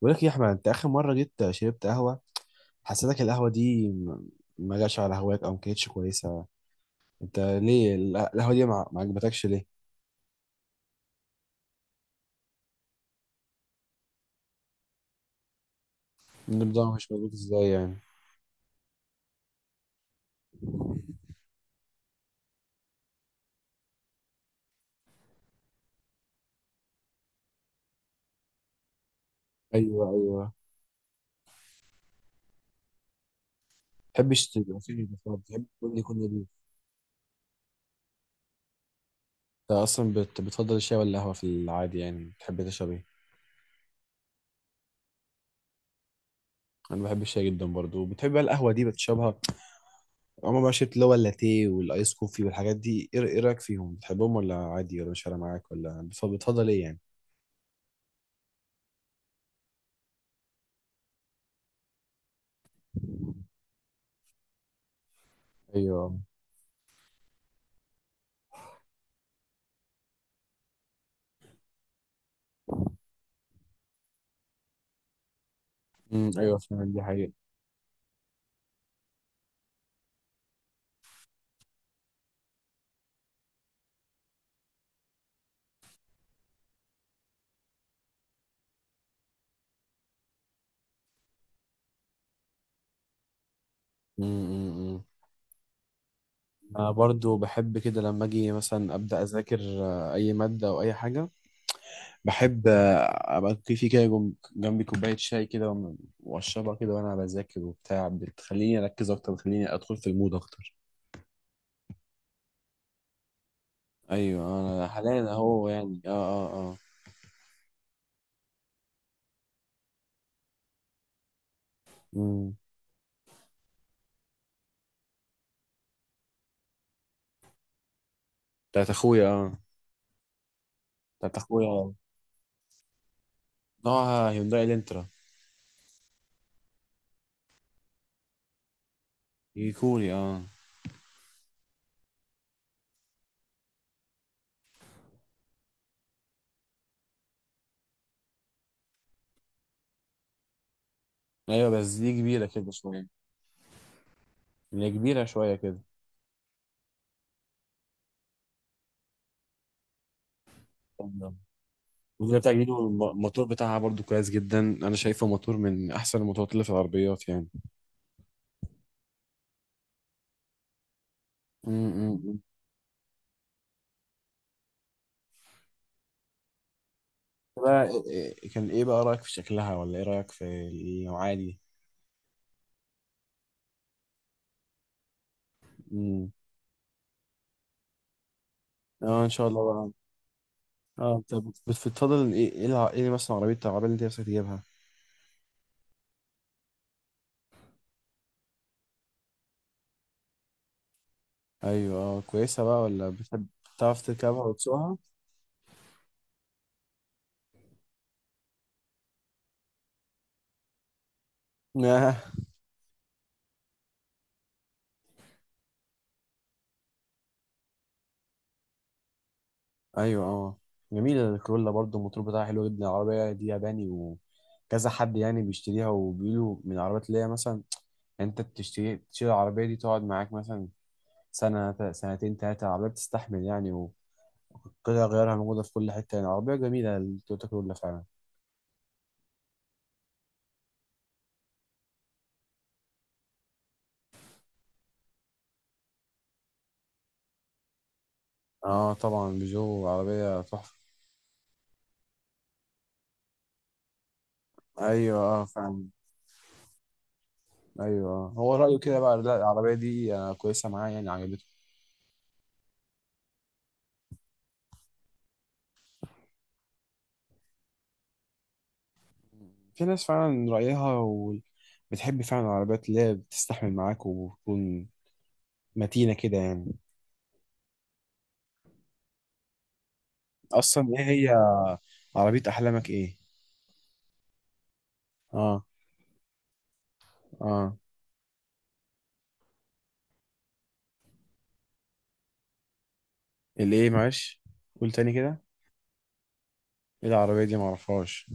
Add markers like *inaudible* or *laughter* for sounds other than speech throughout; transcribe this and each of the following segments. بقول لك إيه يا احمد، انت اخر مره جيت شربت قهوه؟ حسيتك القهوه دي ما جاتش على هواك او ما كانتش كويسه. انت ليه القهوه دي ما عجبتكش ليه؟ النظام مش مظبوط ازاي يعني؟ ايوه، ايوه، ما بتحبش تبقى فيه نظافة، بتحب كل يكون نضيف. انت اصلا بتفضل الشاي ولا القهوه في العادي، يعني بتحب تشرب ايه؟ انا بحب الشاي جدا برضو، بتحب بقى القهوه دي بتشربها؟ عمر ما شربت اللي هو اللاتيه والايس كوفي والحاجات دي، إيه رايك فيهم، بتحبهم ولا عادي ولا مش فارقه معاك، ولا بتفضل ايه يعني؟ ايوه، ايوه فعلا دي حقيقة. امم انا برضو بحب كده لما اجي مثلا ابدا اذاكر. آه، اي ماده او اي حاجه. بحب، ابقى في كده جنبي كوبايه شاي كده، واشربها كده وانا بذاكر وبتاع، بتخليني اركز اكتر، بتخليني ادخل في المود اكتر. ايوه انا حاليا اهو يعني، اه. اه، اه. امم. بتاعت اخويا، اه. بتاعت اخويا، نوعها هيونداي الانترا. هي كوري، اه. ايوه بس دي كبيره كده شويه. هي كبيره شويه. كده. الجديد بتاع جديد، والموتور بتاعها برضو كويس جدا. انا شايفه موتور من احسن الموتورات اللي في العربيات يعني. امم. بقى كان ايه بقى رايك في شكلها، ولا ايه رايك في النوعيه دي؟ امم. اه ان شاء الله بقى. اه، انت بتفضل ايه ايه الع- إيه مثلا العربيه اللي انت نفسك تجيبها؟ ايوه اه كويسه بقى، ولا بتحب تعرف تركبها وتسوقها؟ *laughs* آه. ايوه اه جميله الكرولا برضو، الموتور بتاعها حلو جدا. العربيه دي ياباني وكذا حد يعني بيشتريها، وبيقولوا من العربيات اللي هي مثلا. انت بتشتري العربيه دي تقعد معاك مثلا سنتين ثلاثه، العربيه بتستحمل يعني. والقطع غيارها موجوده في كل حته، يعني عربيه جميله التويوتا كرولا فعلا. اه طبعا، بيجو عربيه تحفه. ايوه اه فعلا، ايوه، آه. هو رايه كده بقى، لا العربيه دي كويسه معاه يعني، عجبته. في ناس فعلا رايها، و... بتحب فعلا العربيات اللي هي بتستحمل معاك، وبتكون متينه كده يعني. اصلا ايه هي عربيه احلامك ايه؟ اه، اه. الايه؟ معلش، قول تاني كده. ايه العربية دي، معرفهاش.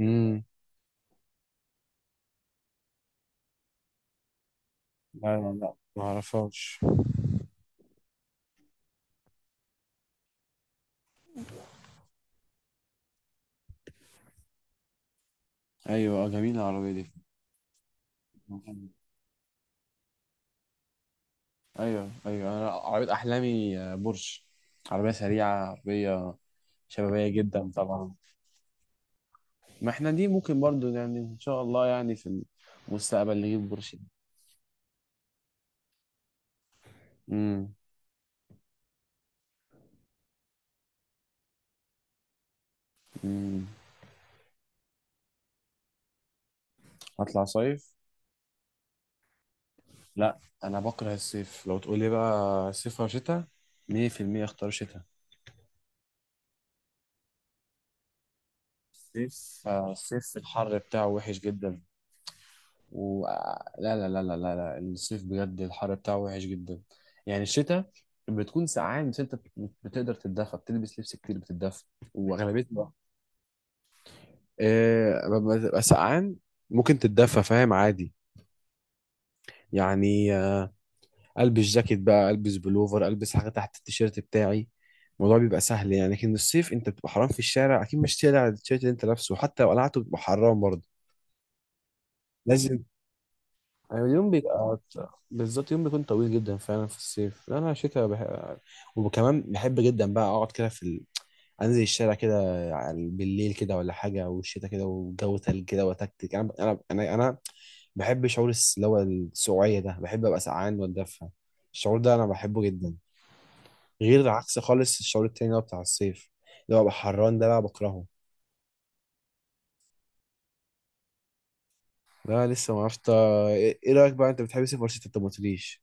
امم. لا، لا، لا، معرفهاش. ايوه اه، جميلة العربية دي. ايوه ايوه، انا عربية احلامي بورش. عربية سريعة، عربية شبابية جدا طبعا. ما احنا دي ممكن برضو يعني، ان شاء الله يعني في المستقبل نجيب بورش. امم، امم. هطلع صيف. لا انا بكره الصيف. لو تقول لي بقى صيف او شتاء، 100% اختار شتاء. الصيف الحر بتاعه وحش جدا. و... لا، لا، لا، لا، لا، لا، الصيف بجد الحر بتاعه وحش جدا. يعني الشتاء بتكون سقعان، بس انت بتقدر تتدفى، بتلبس لبس كتير، بتتدفى واغلبيه الوقت. آه، لما تبقى سقعان ممكن تتدفى، فاهم؟ عادي يعني. البس جاكيت بقى، البس بلوفر، البس حاجه تحت التيشيرت بتاعي. الموضوع بيبقى سهل يعني. لكن الصيف انت بتبقى حرام في الشارع اكيد، مش تقلع التيشيرت اللي انت لابسه، حتى لو قلعته بتبقى حرام برضه. لازم. يعني اليوم بيبقى، بالظبط، يوم بيكون طويل جدا فعلا في الصيف. لا انا شتاء وكمان بحب جدا بقى اقعد كده في انزل الشارع كده، بالليل كده ولا حاجه، والشتاء كده والجو تلج كده وتكتك، انا بحب شعور اللي هو السقوعيه ده، بحب ابقى سقعان واتدفى. الشعور ده انا بحبه جدا، غير عكس خالص الشعور التاني اللي هو بتاع الصيف، اللي هو ببقى حران ده بقى بكرهه. لا لسه ما عرفت ايه. إيه رايك بقى، انت بتحب الصيف ولا الشتاء؟ انت ما قلتليش.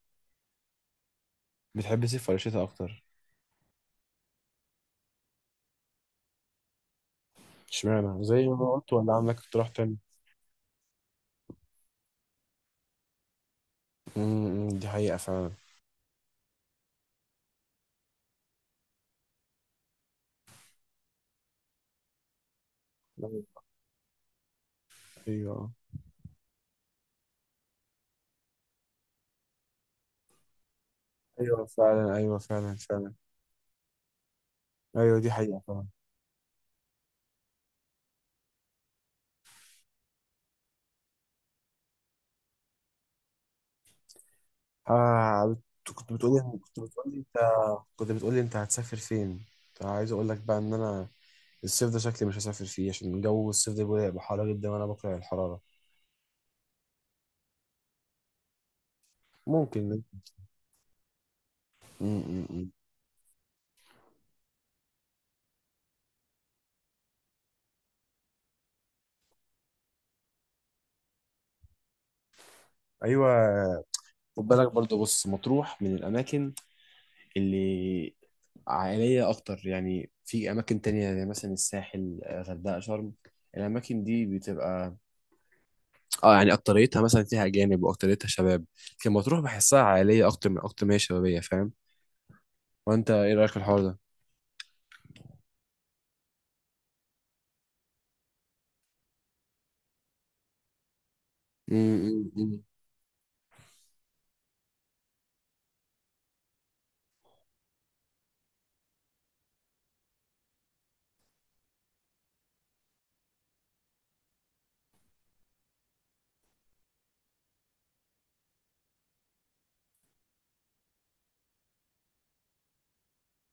بتحب الصيف ولا الشتاء اكتر؟ اشمعنى، زي ما قلت ولا عندك اقتراح تاني؟ دي حقيقة فعلا. ايوه، ايوه فعلا، ايوه فعلا، فعلا. ايوه دي حقيقة فعلا. آه. كنت بتقولي انت، كنت بتقولي انت هتسافر فين؟ كنت عايز اقول لك بقى ان انا الصيف ده شكلي مش هسافر فيه، عشان جو الصيف ده بيبقى هيبقى حر جدا، وانا بكره الحرارة. ممكن م- م- م. ايوه. خد بالك برضو، بص مطروح من الاماكن اللي عائلية أكتر، يعني في أماكن تانية زي مثلا الساحل، غردقة، شرم. الأماكن دي بتبقى، اه، يعني أكتريتها مثلا فيها أجانب، وأكتريتها شباب. لكن مطروح بحسها عائلية أكتر، من أكتر ما هي شبابية، فاهم؟ وأنت إيه رأيك في الحوار ده؟ امم، امم.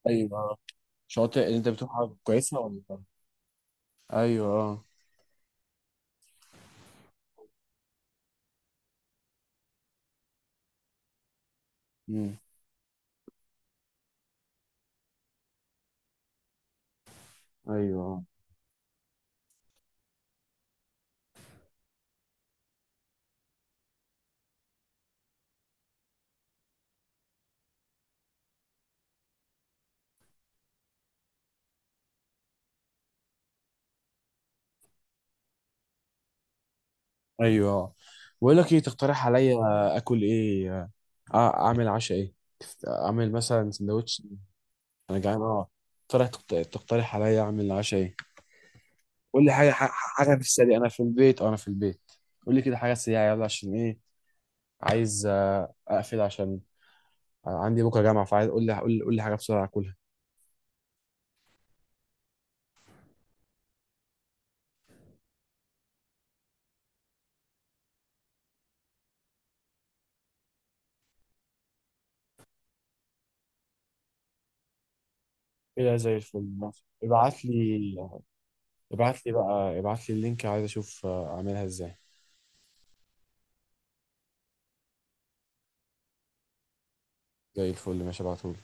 أيوه. شاطئ اللي أنت بتروحها كويسة ولا لأ؟ أيوه، أه. أمم. أيوه، أيوه، بقول لك إيه، تقترح عليا آكل إيه؟ أعمل عشاء إيه؟ اعمل مثلا سندوتش. انا جعان اه. ترى تقترح عليا اعمل عشاء ايه؟ قول لي حاجه، حاجه في السريع، انا في البيت او انا في البيت. قول لي كده حاجه سريعه يلا، عشان ايه، عايز اقفل، عشان عندي بكره جامعه، فعايز، قول لي قول لي قول لي حاجه بسرعه اكلها. كده زي الفل ماشي. ابعت لي. ابعت لي بقى ابعت لي اللينك، عايز اشوف اعملها ازاي. زي الفل ماشي، ابعته.